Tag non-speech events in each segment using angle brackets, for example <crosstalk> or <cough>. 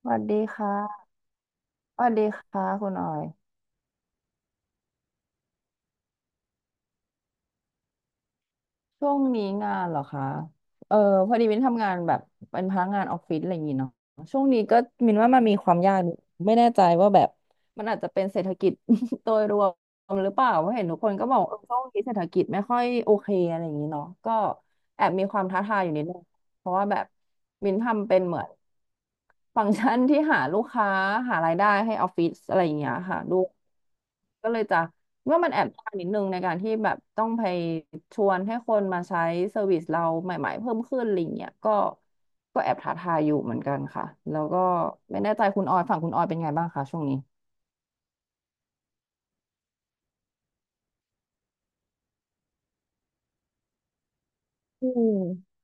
สวัสดีค่ะสวัสดีค่ะคุณออยช่วงนี้งานเหรอคะเออพอดีมินทำงานแบบเป็นพนักงานออฟฟิศอะไรอย่างงี้เนาะช่วงนี้ก็มินว่ามันมีความยากอยู่ไม่แน่ใจว่าแบบมันอาจจะเป็นเศรษฐกิจ <laughs> โดยรวมหรือเปล่าเพราะเห็นทุกคนก็บอกเออช่วงนี้เศรษฐกิจไม่ค่อยโอเคอะไรอย่างงี้เนาะก็แอบมีความท้าทายอยู่นิดนึง เพราะว่าแบบมินทำเป็นเหมือนฟังก์ชันที่หาลูกค้าหารายได้ให้ออฟฟิศอะไรอย่างเงี้ยค่ะก็เลยจะว่ามันแอบยากนิดนึงในการที่แบบต้องไปชวนให้คนมาใช้เซอร์วิสเราใหม่ๆเพิ่มขึ้นอะไรอย่างเงี้ยก็แอบท้าทายอยู่เหมือนกันค่ะแล้วก็ไม่แน่ใจคุณออยฝั่งคุณออยเป็นไงบ้างคะช่วงนี้อืม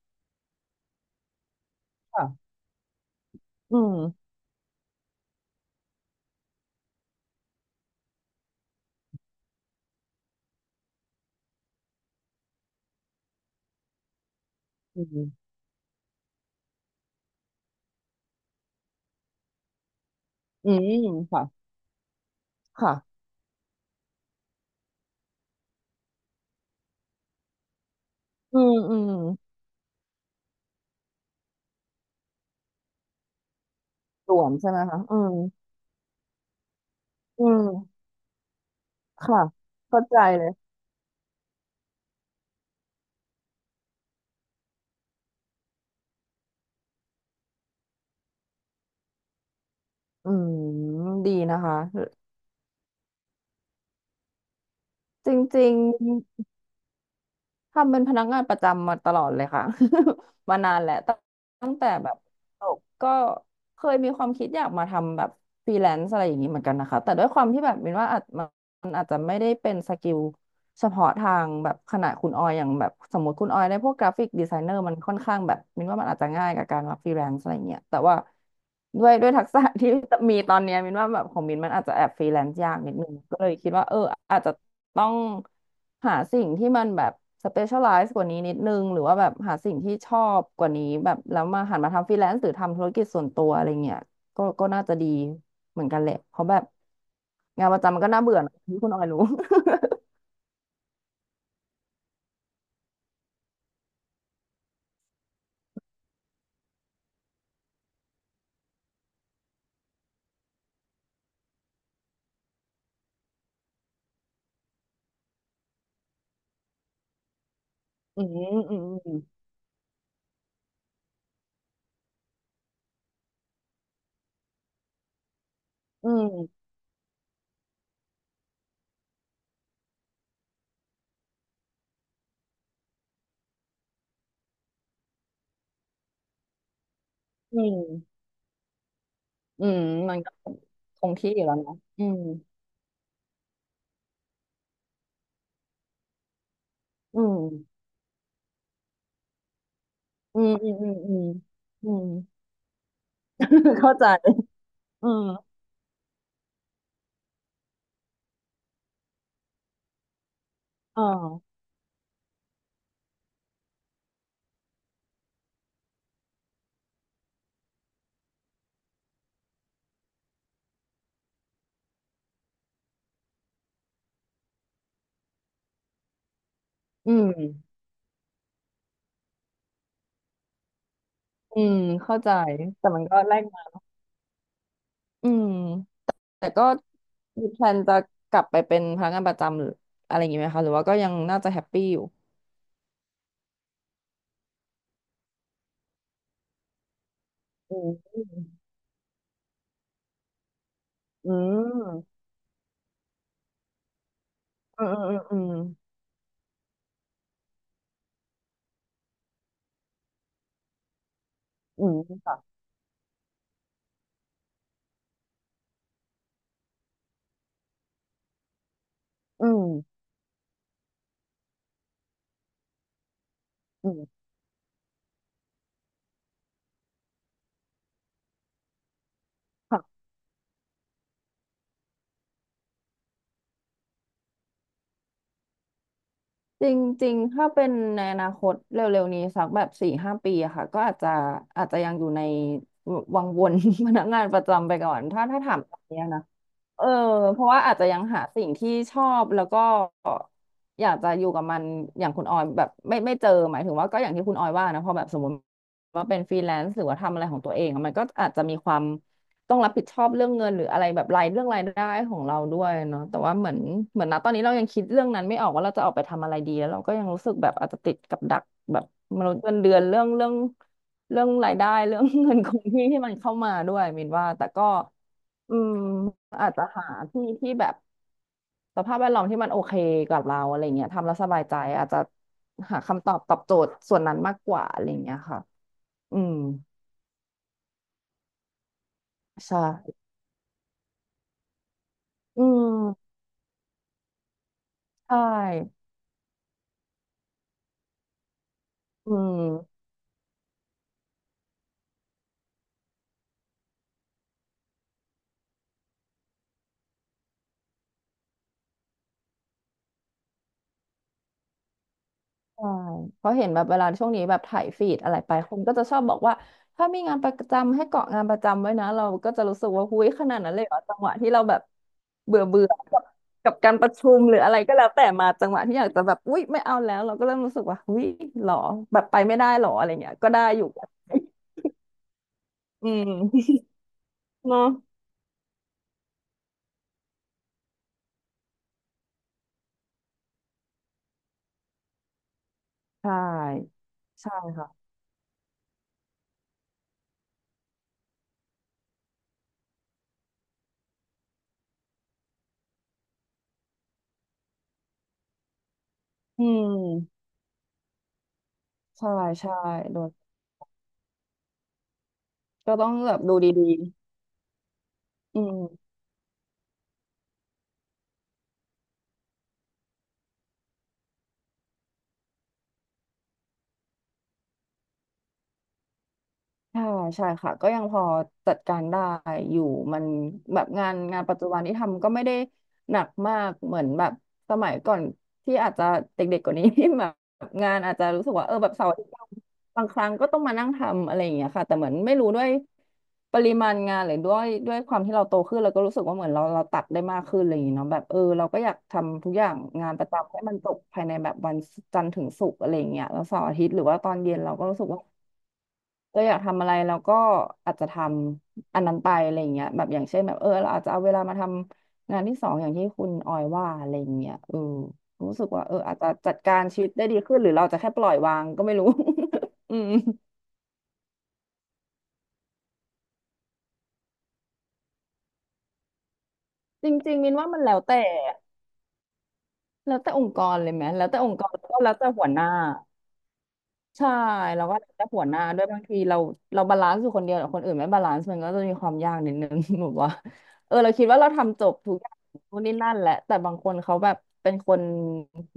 ค่ะอืมอืมอืมค่ะค่ะอืมอืมส่วนใช่ไหมคะอืมอืมค่ะเข้าใจเลย อืมดีนะคะจริงๆทำเป็นพนักงานประจำมาตลอดเลยค่ะ <laughs> มานานแหละตั้งแต่แบบจบก็เคยมีความคิดอยากมาทำแบบฟรีแลนซ์อะไรอย่างนี้เหมือนกันนะคะแต่ด้วยความที่แบบมินว่าอาจมันอาจจะไม่ได้เป็นสกิล เฉพาะทางแบบขนาดคุณออยอย่างแบบสมมติคุณออยได้พวกกราฟิกดีไซเนอร์มันค่อนข้างแบบมินว่ามันอาจจะง่ายกับการมาฟรีแลนซ์อะไรเงี้ยแต่ว่าด้วย <laughs> ด้วยทักษะที่มีตอนเนี้ยมินว่าแบบของมินมันอาจจะแอบฟรีแลนซ์ยากนิดนึงก็เลยคิดว่าอาจจะต้องหาสิ่งที่มันแบบสเปเชียลไลซ์กว่านี้นิดนึงหรือว่าแบบหาสิ่งที่ชอบกว่านี้แบบแล้วมาหันมาทำฟรีแลนซ์หรือทำธุรกิจส่วนตัวอะไรเงี้ยก็น่าจะดีเหมือนกันแหละเพราะแบบงานประจำมันก็น่าเบื่อนะที่คุณออยรู้ อืมอืมอืมอืมอืมมันก็คงที่อยู่แล้วนะอืมอืมอืมอืมอืมอืมอืม <laughs> เข้าใจอืมอ่าอืมอืมเข้าใจ แต่มันก็แลกมาอืมแต่ก็มีแพลนจะกลับไปเป็นพนักงานประจำหรืออะไรอย่างงี้ไหมคะ หรือว่าก็ยังน่าจะแฮปปี้อยู่อืมอืมอืมอืมอืมอืมอืมค่ะอืมอืม จริงๆ ถ้าเป็นในอนาคตเร็วๆนี้สักแบบสี่ห้าปีอะค่ะก็อาจจะยังอยู่ในวังวน <laughs> พนักงานประจำไปก่อนถ้าถามตอนนี้นะ เออเพราะว่าอาจจะยังหาสิ่งที่ชอบแล้วก็อยากจะอยู่กับมันอย่างคุณออยแบบไม่เจอหมายถึงว่าก็อย่างที่คุณออยว่านะพอแบบสมมติว่าเป็นฟรีแลนซ์หรือว่าทำอะไรของตัวเองอะมันก็อาจจะมีความต้องรับผิดชอบเรื่องเงินหรืออะไรแบบรายเรื่องรายได้ของเราด้วยเนาะแต่ว่าเหมือนนะตอนนี้เรายังคิดเรื่องนั้นไม่ออกว่าเราจะออกไปทำอะไรดีแล้วเราก็ยังรู้สึกแบบอาจจะติดกับดักแบบมนุษย์เงินเดือนเรื่องรายได้เรื่อง <laughs> เงินคงที่ที่มันเข้ามาด้วยมินว่าแต่ก็ อืมอาจจะหาที่ที่แบบสภาพแวดล้อมที่มันโอเคกับเราอะไรเงี้ยทำแล้วสบายใจอาจจะหาคำตอบตอบโจทย์ส่วนนั้นมากกว่าอะไรเงี้ยค่ะอืมใช่อืมใช่อืม ใช่เพราะเห็นแบบเวลาช่วงนี้แบบถ่ายฟีดอะไรไปคนก็จะชอบบอกว่าถ้ามีงานประจำให้เกาะงานประจำไว้นะเราก็จะรู้สึกว่าหุ้ยขนาดนั้นเลยเหรอจังหวะที่เราแบบเบื่อเบื่อกับการประชุมหรืออะไรก็แล้วแต่มาจังหวะที่อยากจะแบบอุ๊ยไม่เอาแล้วเราก็เริ่มรู้สึกว่าหุ้ยหรอแบบไปไม่ได้หรออะไรเงี้ยก็ได้อยู่อืมเนาะใช่ใช่ค่ะอืมใช่ใช่โดนก็ต้องแบบดูดีๆอืม ใช่ใช่ค่ะก็ยังพอจัดการได้อยู่มันแบบงานงานปัจจุบันที่ทำก็ไม่ได้หนักมากเหมือนแบบสมัยก่อนที่อาจจะเด็กๆกว่านี้ <laughs> ที่แบบงานอาจจะรู้สึกว่าเออแบบเสาร์อาทิตย์บางครั้งก็ต้องมานั่งทำอะไรอย่างเงี้ยค่ะแต่เหมือนไม่รู้ด้วยปริมาณงานหรือด้วยความที่เราโตขึ้นเราก็รู้สึกว่าเหมือนเราตัดได้มากขึ้นอะไรอย่างเงี้ยเนาะแบบเออเราก็อยากทำทุกอย่างงานประจำให้มันจบภายในแบบวันจันทร์ถึงศุกร์อะไรอย่างเงี้ยแล้วเสาร์อาทิตย์หรือว่าตอนเย็นเราก็รู้สึกว่า เราอยากทำอะไรเราก็อาจจะทำอันนั้นไปอะไรอย่างเงี้ยแบบอย่างเช่นแบบเออเราอาจจะเอาเวลามาทำงานที่สองอย่างที่คุณออยว่าอะไรอย่างเงี้ยเออรู้สึกว่าเอออาจจะจัดการชีวิตได้ดีขึ้นหรือเราจะแค่ปล่อยวางก็ไม่รู้ <laughs> อืมจริงๆมินว่ามันแล้วแต่องค์กรเลยไหมแล้วแต่องค์กรแล้วก็แล้วแต่หัวหน้า ใช่แล้วก็จะหัวหน้าด้วยบางทีเราบาลานซ์อยู่คนเดียวแต่คนอื่นไม่บาลานซ์มันก็จะมีความยากนิดนึง <laughs> แบบว่าเออเราคิดว่าเราทำจบทุกอย่างนู่นนี่นั่นแหละแต่บางคนเขาแบบเป็นคน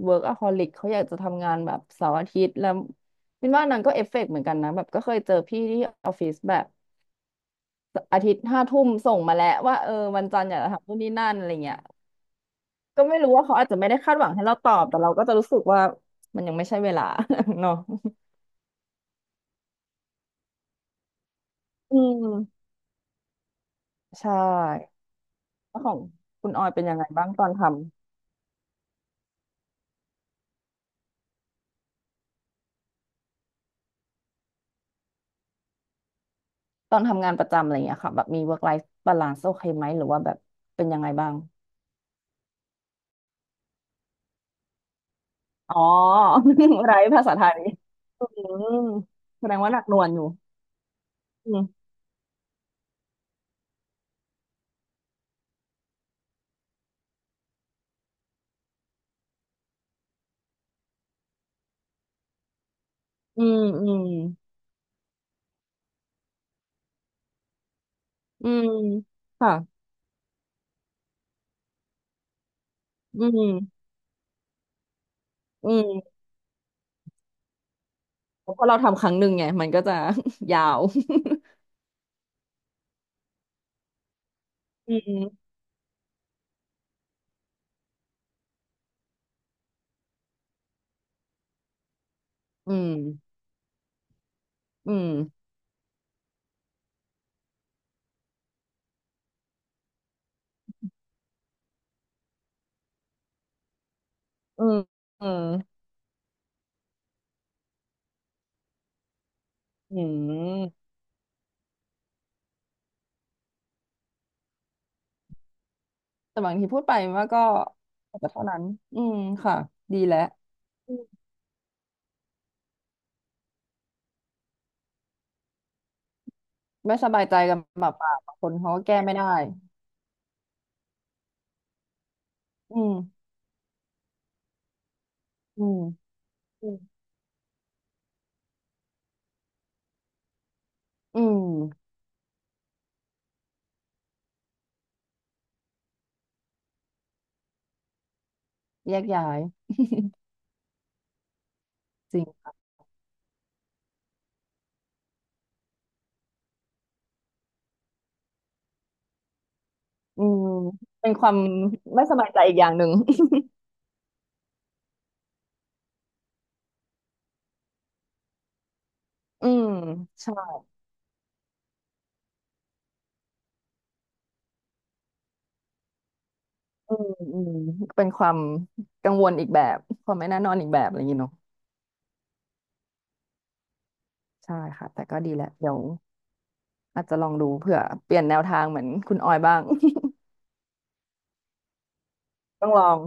workaholic เขาอยากจะทำงานแบบเสาร์อาทิตย์แล้วมินว่านางก็เอฟเฟกต์เหมือนกันนะแบบก็เคยเจอพี่ที่ออฟฟิศแบบอาทิตย์23:00ส่งมาแล้วว่าเออวันจันทร์อยากจะทำนู่นนี่นั่นอะไรเงี้ยก็ไม่รู้ว่าเขาอาจจะไม่ได้คาดหวังให้เราตอบแต่เราก็จะรู้สึกว่ามันยังไม่ใช่เวลา <laughs> เนาะอืม <laughs> ใช่ แล้วของคุณออยเป็นยังไงบ้างตอนทำงานประจำอะไรอย่างเงี้ยค่ะแบบมี work life balance โอเคไหมหรือว่าแบบเป็นยังไงบ้างอ๋อ <laughs> ไรภาษาไทยอืมแสดงว่าหนักหน่วงอยู่อืมอืมอืมอืมค่ะอืมอืมเพราะเราทำครั้งหนึ่งไงมันก็จะ <laughs> ยาว <laughs> อืมอืมอืมอืมอืมอืมแต่บางทีพูดไปว่าก็แต่เท่านั้นอืมค่ะดีแล้ว ไม่สบายใจกันแบบปากบางคนเขาก็แก้ไม่ได้อืมอืมอืมอืมแยกย้ายจริงค่ะอืมเป็นความไม่สบายใจอีกอย่างหนึ่ง <laughs> อืมใช่อืมอืมเป็นความกังวลอีกแบบความไม่แน่นอนอีกแบบอะไรอย่างนี้เนาะใช่ค่ะแต่ก็ดีแหละเดี๋ยวอาจจะลองดูเผื่อเปลี่ยนแนวทางเหมือนคุณออยบ้าง <laughs> ต้องลอง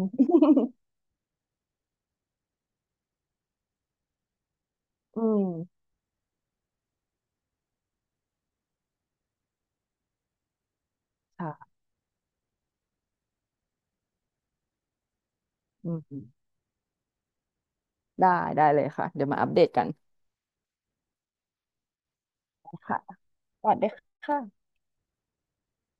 อืมค่ะอืมได้ได้เลยค่ะ เดี๋ยวมาอัปเดตกันค่ะสวัสดีค่ะ